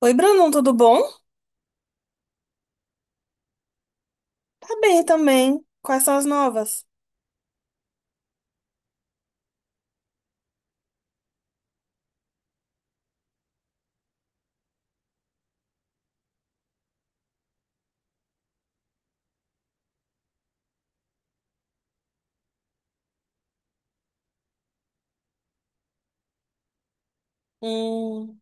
Oi, Brandon, tudo bom? Tá bem também. Quais são as novas? Hum,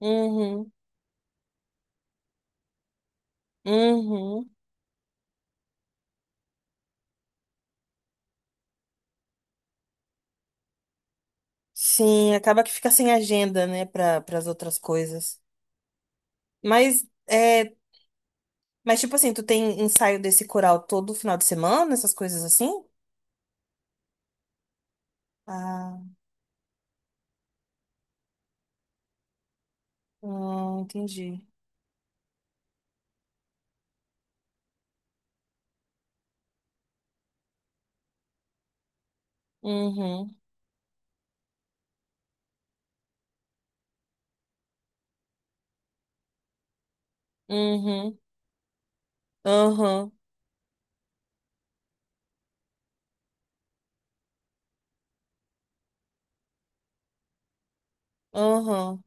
uhum, uhum. Sim, acaba que fica sem agenda, né, para as outras coisas. Mas, é, mas, tipo assim, tu tem ensaio desse coral todo final de semana, essas coisas assim? Ah, entendi. Uhum, uhum, uhum, uhum.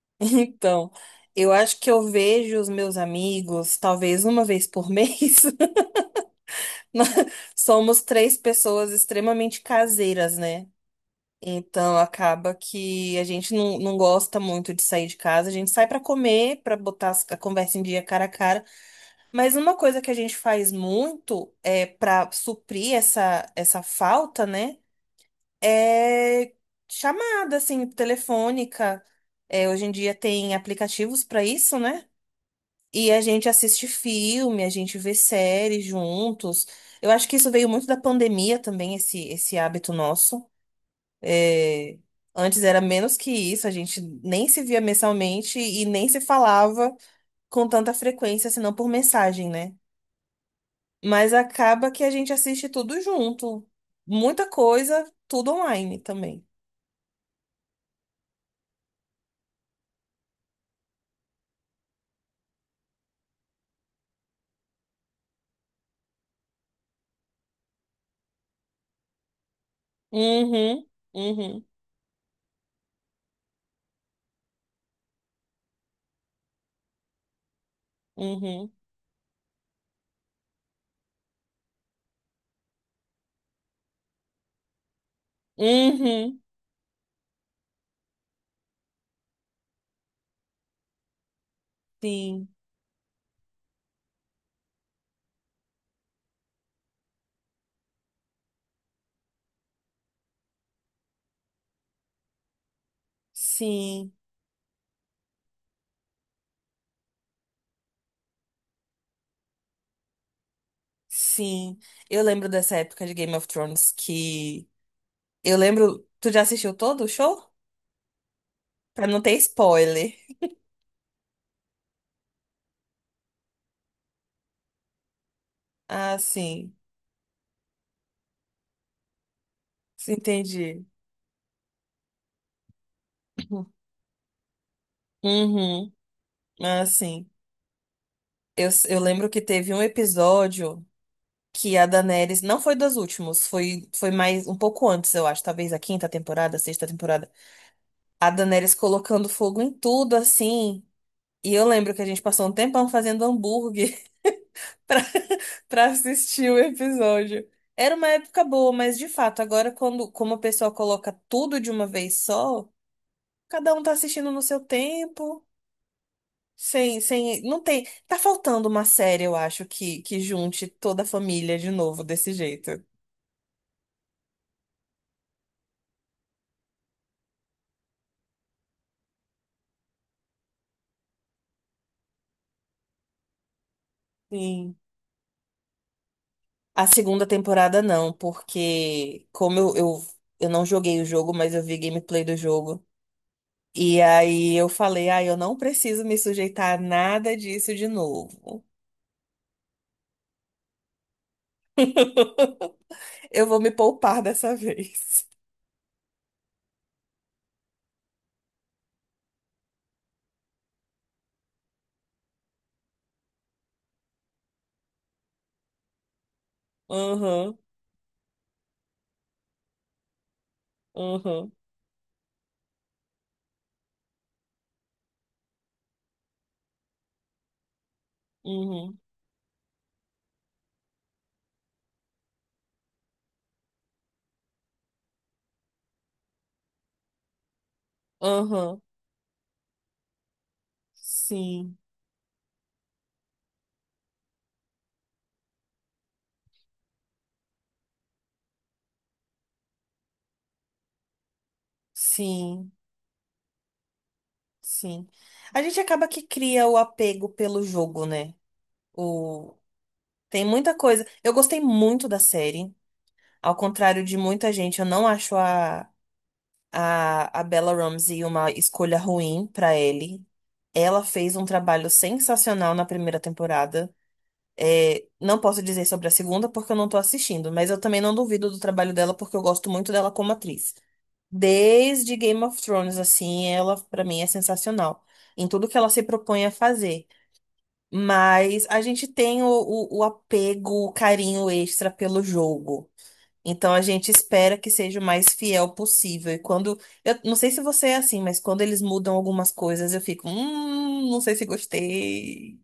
Então, eu acho que eu vejo os meus amigos talvez uma vez por mês. Somos três pessoas extremamente caseiras, né? Então acaba que a gente não gosta muito de sair de casa. A gente sai pra comer, pra botar a conversa em dia cara a cara. Mas uma coisa que a gente faz muito é para suprir essa falta, né? É chamada assim telefônica. É, hoje em dia tem aplicativos pra isso, né? E a gente assiste filme, a gente vê séries juntos. Eu acho que isso veio muito da pandemia também, esse hábito nosso. É, antes era menos que isso, a gente nem se via mensalmente e nem se falava com tanta frequência, senão por mensagem, né? Mas acaba que a gente assiste tudo junto. Muita coisa, tudo online também. Uhum, uhum, uhum, uhum, uhum. Sim, sim. Sim, eu lembro dessa época de Game of Thrones que. Eu lembro. Tu já assistiu todo o show? Pra não ter spoiler. Ah, sim. Entendi. Uhum. Ah, sim. Eu lembro que teve um episódio que a Daenerys. Não foi dos últimos, foi mais um pouco antes, eu acho. Talvez a quinta temporada, a sexta temporada. A Daenerys colocando fogo em tudo, assim. E eu lembro que a gente passou um tempão fazendo hambúrguer. pra assistir o episódio. Era uma época boa, mas de fato, agora quando, como o pessoal coloca tudo de uma vez só, cada um tá assistindo no seu tempo, sem, não tem, tá faltando uma série, eu acho, que junte toda a família de novo desse jeito. Sim. A segunda temporada não, porque como eu não joguei o jogo, mas eu vi gameplay do jogo. E aí eu falei, ah, eu não preciso me sujeitar a nada disso de novo. Eu vou me poupar dessa vez. Aham, aham, uhum, aham. Sim, sim, sim. A gente acaba que cria o apego pelo jogo, né? O... Tem muita coisa. Eu gostei muito da série. Ao contrário de muita gente, eu não acho a Bella Ramsey uma escolha ruim pra ele. Ela fez um trabalho sensacional na primeira temporada. É, não posso dizer sobre a segunda porque eu não tô assistindo, mas eu também não duvido do trabalho dela porque eu gosto muito dela como atriz. Desde Game of Thrones, assim, ela pra mim é sensacional em tudo que ela se propõe a fazer. Mas a gente tem o apego, o carinho extra pelo jogo. Então a gente espera que seja o mais fiel possível. E quando. Eu não sei se você é assim, mas quando eles mudam algumas coisas, eu fico, não sei se gostei.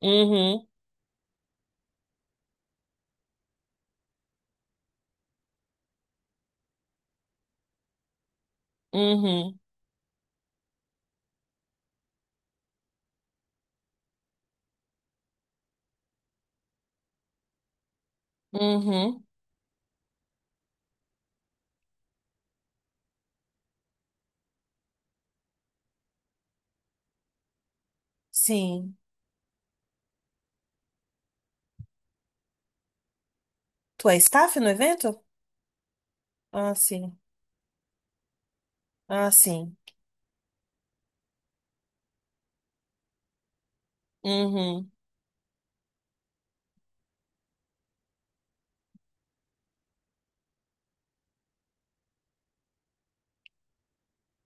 Uhum, uhum, uhum. Sim. Tu é staff no evento? Ah, sim. Ah, sim. Uhum.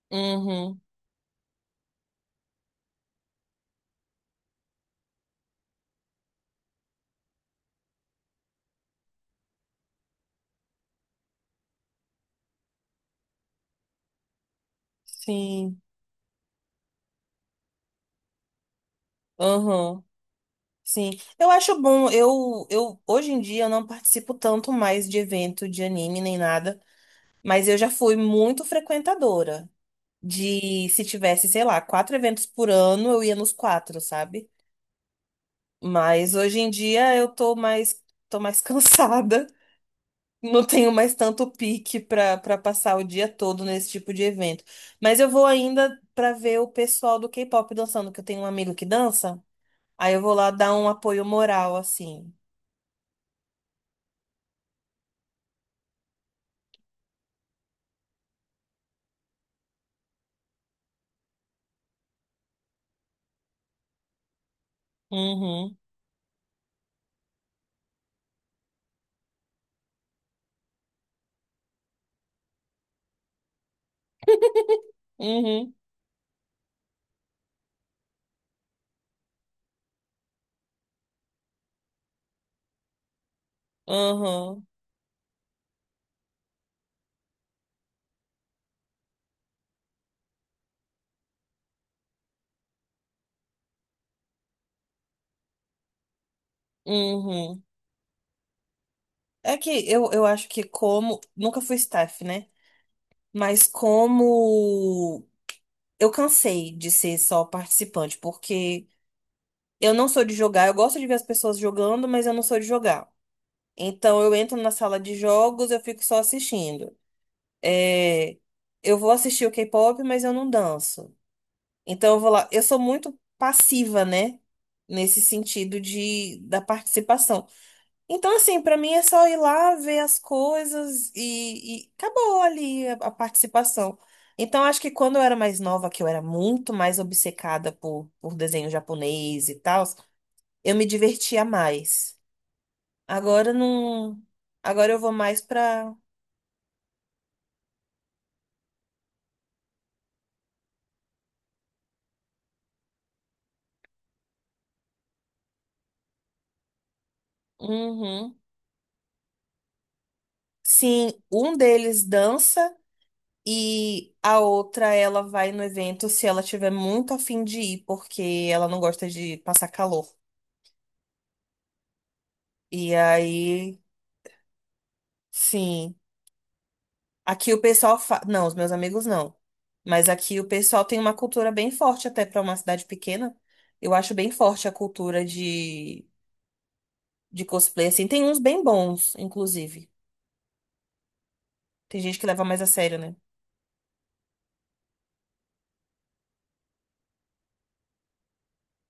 Uhum. Sim. Uhum. Sim. Eu acho bom. Eu hoje em dia eu não participo tanto mais de evento de anime nem nada, mas eu já fui muito frequentadora. De se tivesse, sei lá, quatro eventos por ano, eu ia nos quatro, sabe? Mas hoje em dia eu tô mais cansada. Não tenho mais tanto pique para passar o dia todo nesse tipo de evento. Mas eu vou ainda para ver o pessoal do K-pop dançando, que eu tenho um amigo que dança. Aí eu vou lá dar um apoio moral, assim. Uhum, uhum, uhum, uhum. É que eu acho que como. Nunca fui staff, né? Mas como eu cansei de ser só participante, porque eu não sou de jogar. Eu gosto de ver as pessoas jogando, mas eu não sou de jogar. Então eu entro na sala de jogos, eu fico só assistindo. É, eu vou assistir o K-pop, mas eu não danço. Então eu vou lá, eu sou muito passiva, né? Nesse sentido de da participação. Então assim, pra mim é só ir lá ver as coisas e acabou ali a participação. Então acho que quando eu era mais nova, que eu era muito mais obcecada por desenho japonês e tal, eu me divertia mais. Agora não. Agora eu vou mais pra. Uhum. Sim, um deles dança e a outra ela vai no evento se ela tiver muito a fim de ir, porque ela não gosta de passar calor. E aí, sim, aqui o pessoal não, os meus amigos não. Mas aqui o pessoal tem uma cultura bem forte até pra uma cidade pequena. Eu acho bem forte a cultura de cosplay assim. Tem uns bem bons, inclusive. Tem gente que leva mais a sério, né?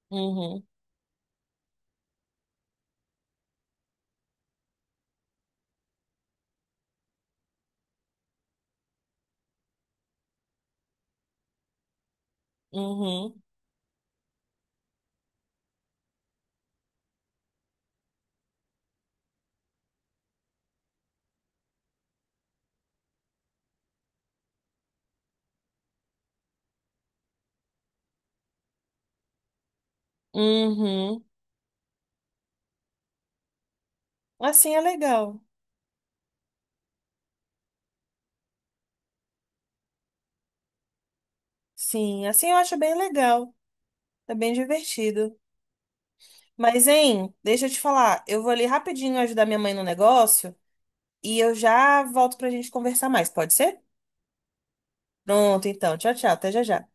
Uhum, uhum, uhum. Assim é legal. Sim, assim eu acho bem legal. É bem divertido. Mas, hein, deixa eu te falar. Eu vou ali rapidinho ajudar minha mãe no negócio e eu já volto pra gente conversar mais, pode ser? Pronto, então. Tchau, tchau. Até já já.